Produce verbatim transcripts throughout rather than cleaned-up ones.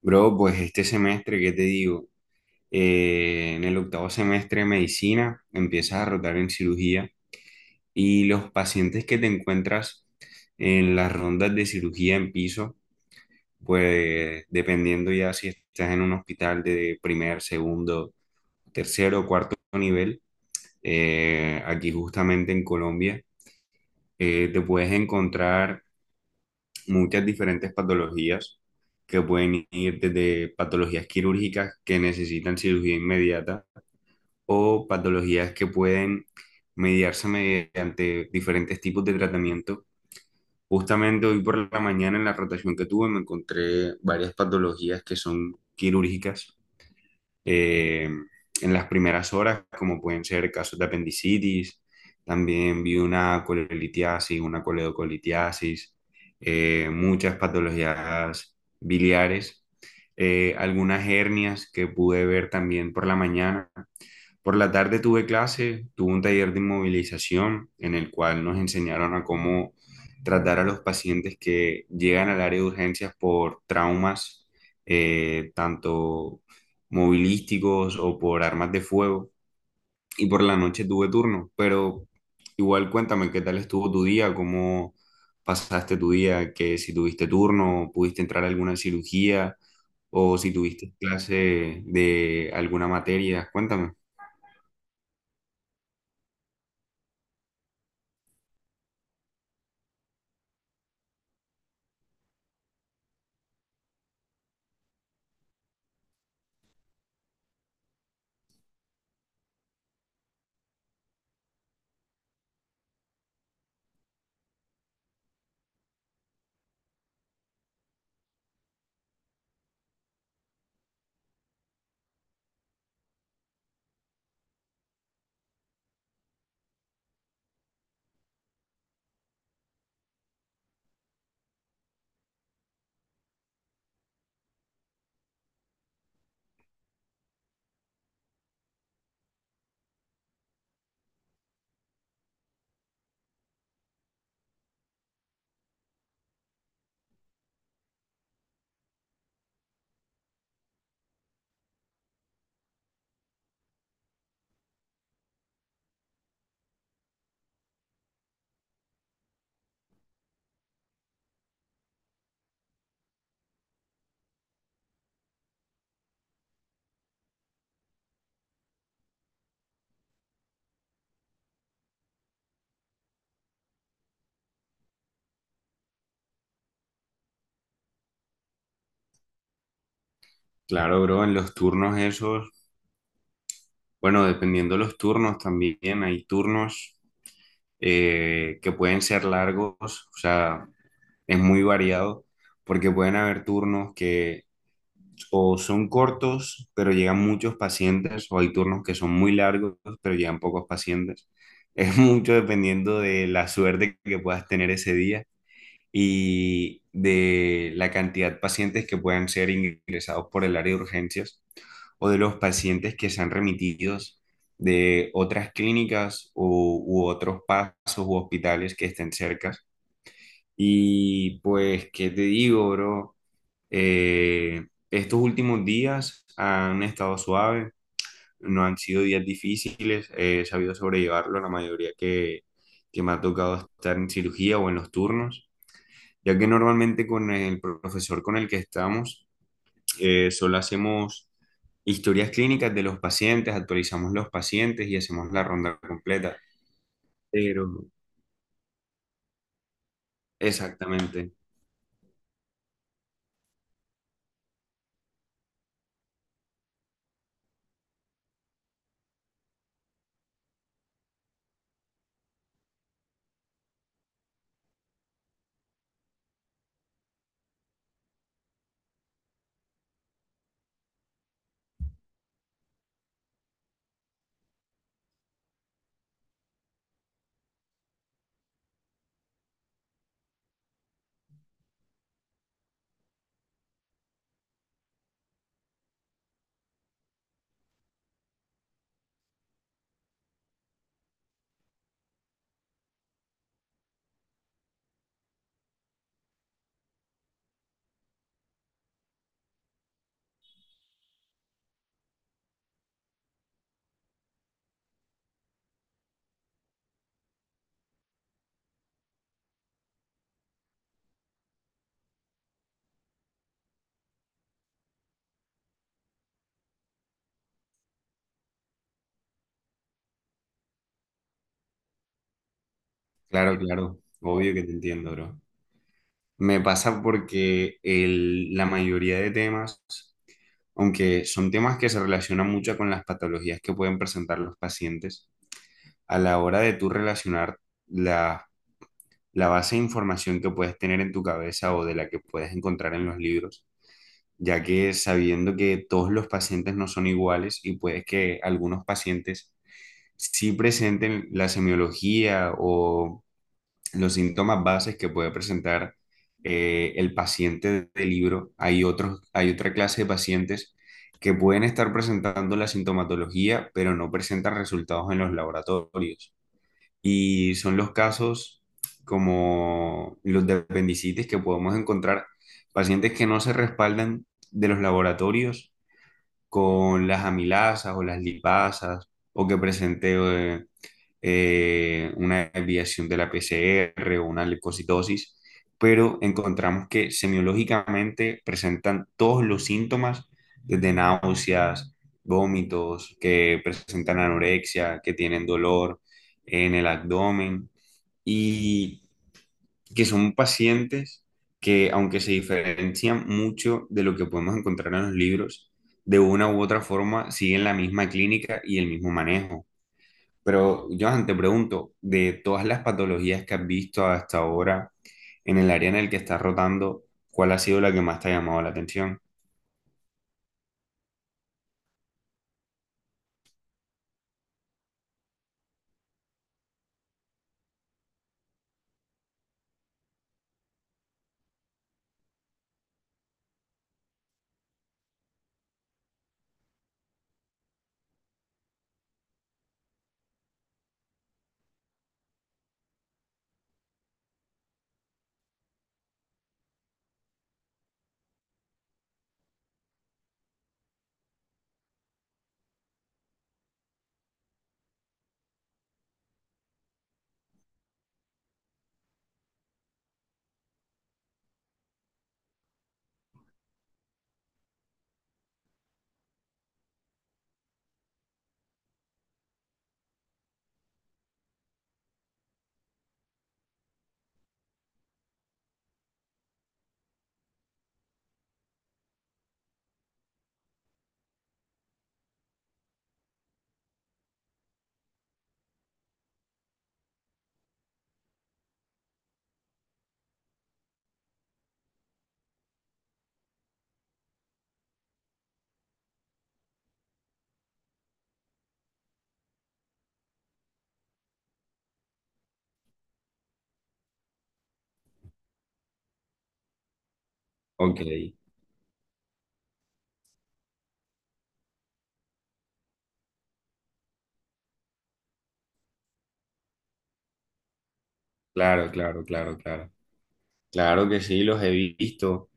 Bro, pues este semestre, ¿qué te digo? Eh, en el octavo semestre de medicina empiezas a rotar en cirugía y los pacientes que te encuentras en las rondas de cirugía en piso, pues dependiendo ya si estás en un hospital de primer, segundo, tercero o cuarto nivel, eh, aquí justamente en Colombia, eh, te puedes encontrar muchas diferentes patologías que pueden ir desde patologías quirúrgicas que necesitan cirugía inmediata o patologías que pueden mediarse mediante diferentes tipos de tratamiento. Justamente hoy por la mañana en la rotación que tuve me encontré varias patologías que son quirúrgicas eh, en las primeras horas, como pueden ser casos de apendicitis. También vi una colelitiasis, una coledocolitiasis, eh, muchas patologías biliares, eh, algunas hernias que pude ver también por la mañana. Por la tarde tuve clase, tuve un taller de inmovilización en el cual nos enseñaron a cómo tratar a los pacientes que llegan al área de urgencias por traumas, eh, tanto movilísticos o por armas de fuego. Y por la noche tuve turno, pero igual cuéntame qué tal estuvo tu día, cómo pasaste tu día, que si tuviste turno, pudiste entrar a alguna cirugía o si tuviste clase de alguna materia, cuéntame. Claro, bro, en los turnos esos, bueno, dependiendo de los turnos también, hay turnos eh, que pueden ser largos, o sea, es muy variado, porque pueden haber turnos que o son cortos, pero llegan muchos pacientes, o hay turnos que son muy largos, pero llegan pocos pacientes. Es mucho dependiendo de la suerte que puedas tener ese día, y de la cantidad de pacientes que puedan ser ingresados por el área de urgencias o de los pacientes que sean remitidos de otras clínicas u, u otros pasos u hospitales que estén cerca. Y pues, ¿qué te digo, bro? Eh, estos últimos días han estado suaves, no han sido días difíciles, he sabido sobrellevarlo la mayoría que, que me ha tocado estar en cirugía o en los turnos ya que normalmente con el profesor con el que estamos, eh, solo hacemos historias clínicas de los pacientes, actualizamos los pacientes y hacemos la ronda completa. Pero, exactamente, claro, claro, obvio que te entiendo, bro. Me pasa porque el- la mayoría de temas, aunque son temas que se relacionan mucho con las patologías que pueden presentar los pacientes, a la hora de tú relacionar las la base de información que puedes tener en tu cabeza o de la que puedes encontrar en los libros, ya que sabiendo que todos los pacientes no son iguales y puede que algunos pacientes sí presenten la semiología o los síntomas bases que puede presentar eh, el paciente del libro, hay otros, hay otra clase de pacientes que pueden estar presentando la sintomatología, pero no presentan resultados en los laboratorios y son los casos como los de apendicitis que podemos encontrar, pacientes que no se respaldan de los laboratorios con las amilasas o las lipasas o que presente eh, eh, una desviación de la P C R o una leucocitosis, pero encontramos que semiológicamente presentan todos los síntomas, desde náuseas, vómitos, que presentan anorexia, que tienen dolor en el abdomen y que son pacientes que, aunque se diferencian mucho de lo que podemos encontrar en los libros, de una u otra forma siguen la misma clínica y el mismo manejo. Pero, Johan, te pregunto, de todas las patologías que has visto hasta ahora en el área en el que estás rotando, ¿cuál ha sido la que más te ha llamado la atención? Ok, claro, claro, claro, claro. Claro que sí, los he visto.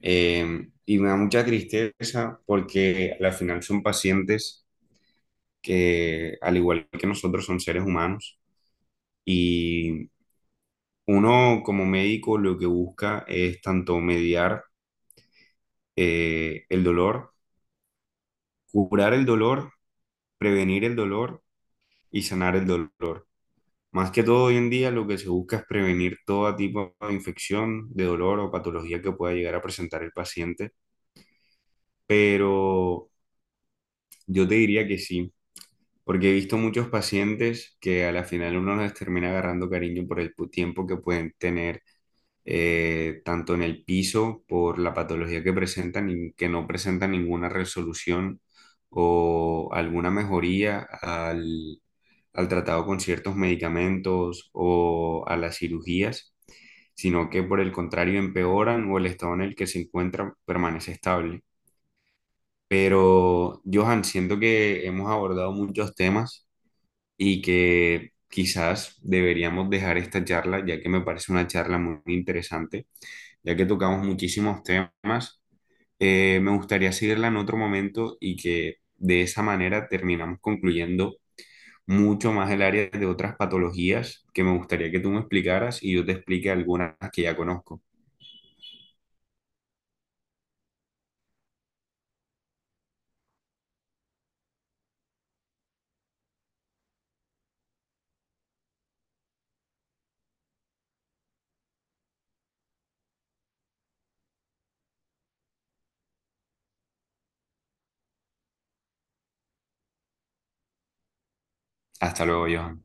Eh, y me da mucha tristeza porque al final son pacientes que, al igual que nosotros, son seres humanos. Y uno como médico lo que busca es tanto mediar eh, el dolor, curar el dolor, prevenir el dolor y sanar el dolor. Más que todo hoy en día lo que se busca es prevenir todo tipo de infección, de dolor o patología que pueda llegar a presentar el paciente, pero yo te diría que sí, porque he visto muchos pacientes que a la final uno les termina agarrando cariño por el pu- tiempo que pueden tener eh, tanto en el piso por la patología que presentan y que no presentan ninguna resolución o alguna mejoría al, al tratado con ciertos medicamentos o a las cirugías, sino que por el contrario empeoran o el estado en el que se encuentran permanece estable. Pero, Johan, siento que hemos abordado muchos temas y que quizás deberíamos dejar esta charla, ya que me parece una charla muy interesante ya que tocamos muchísimos temas. Eh, me gustaría seguirla en otro momento y que de esa manera terminamos concluyendo mucho más el área de otras patologías que me gustaría que tú me explicaras y yo te explique algunas que ya conozco. Hasta luego, Johan.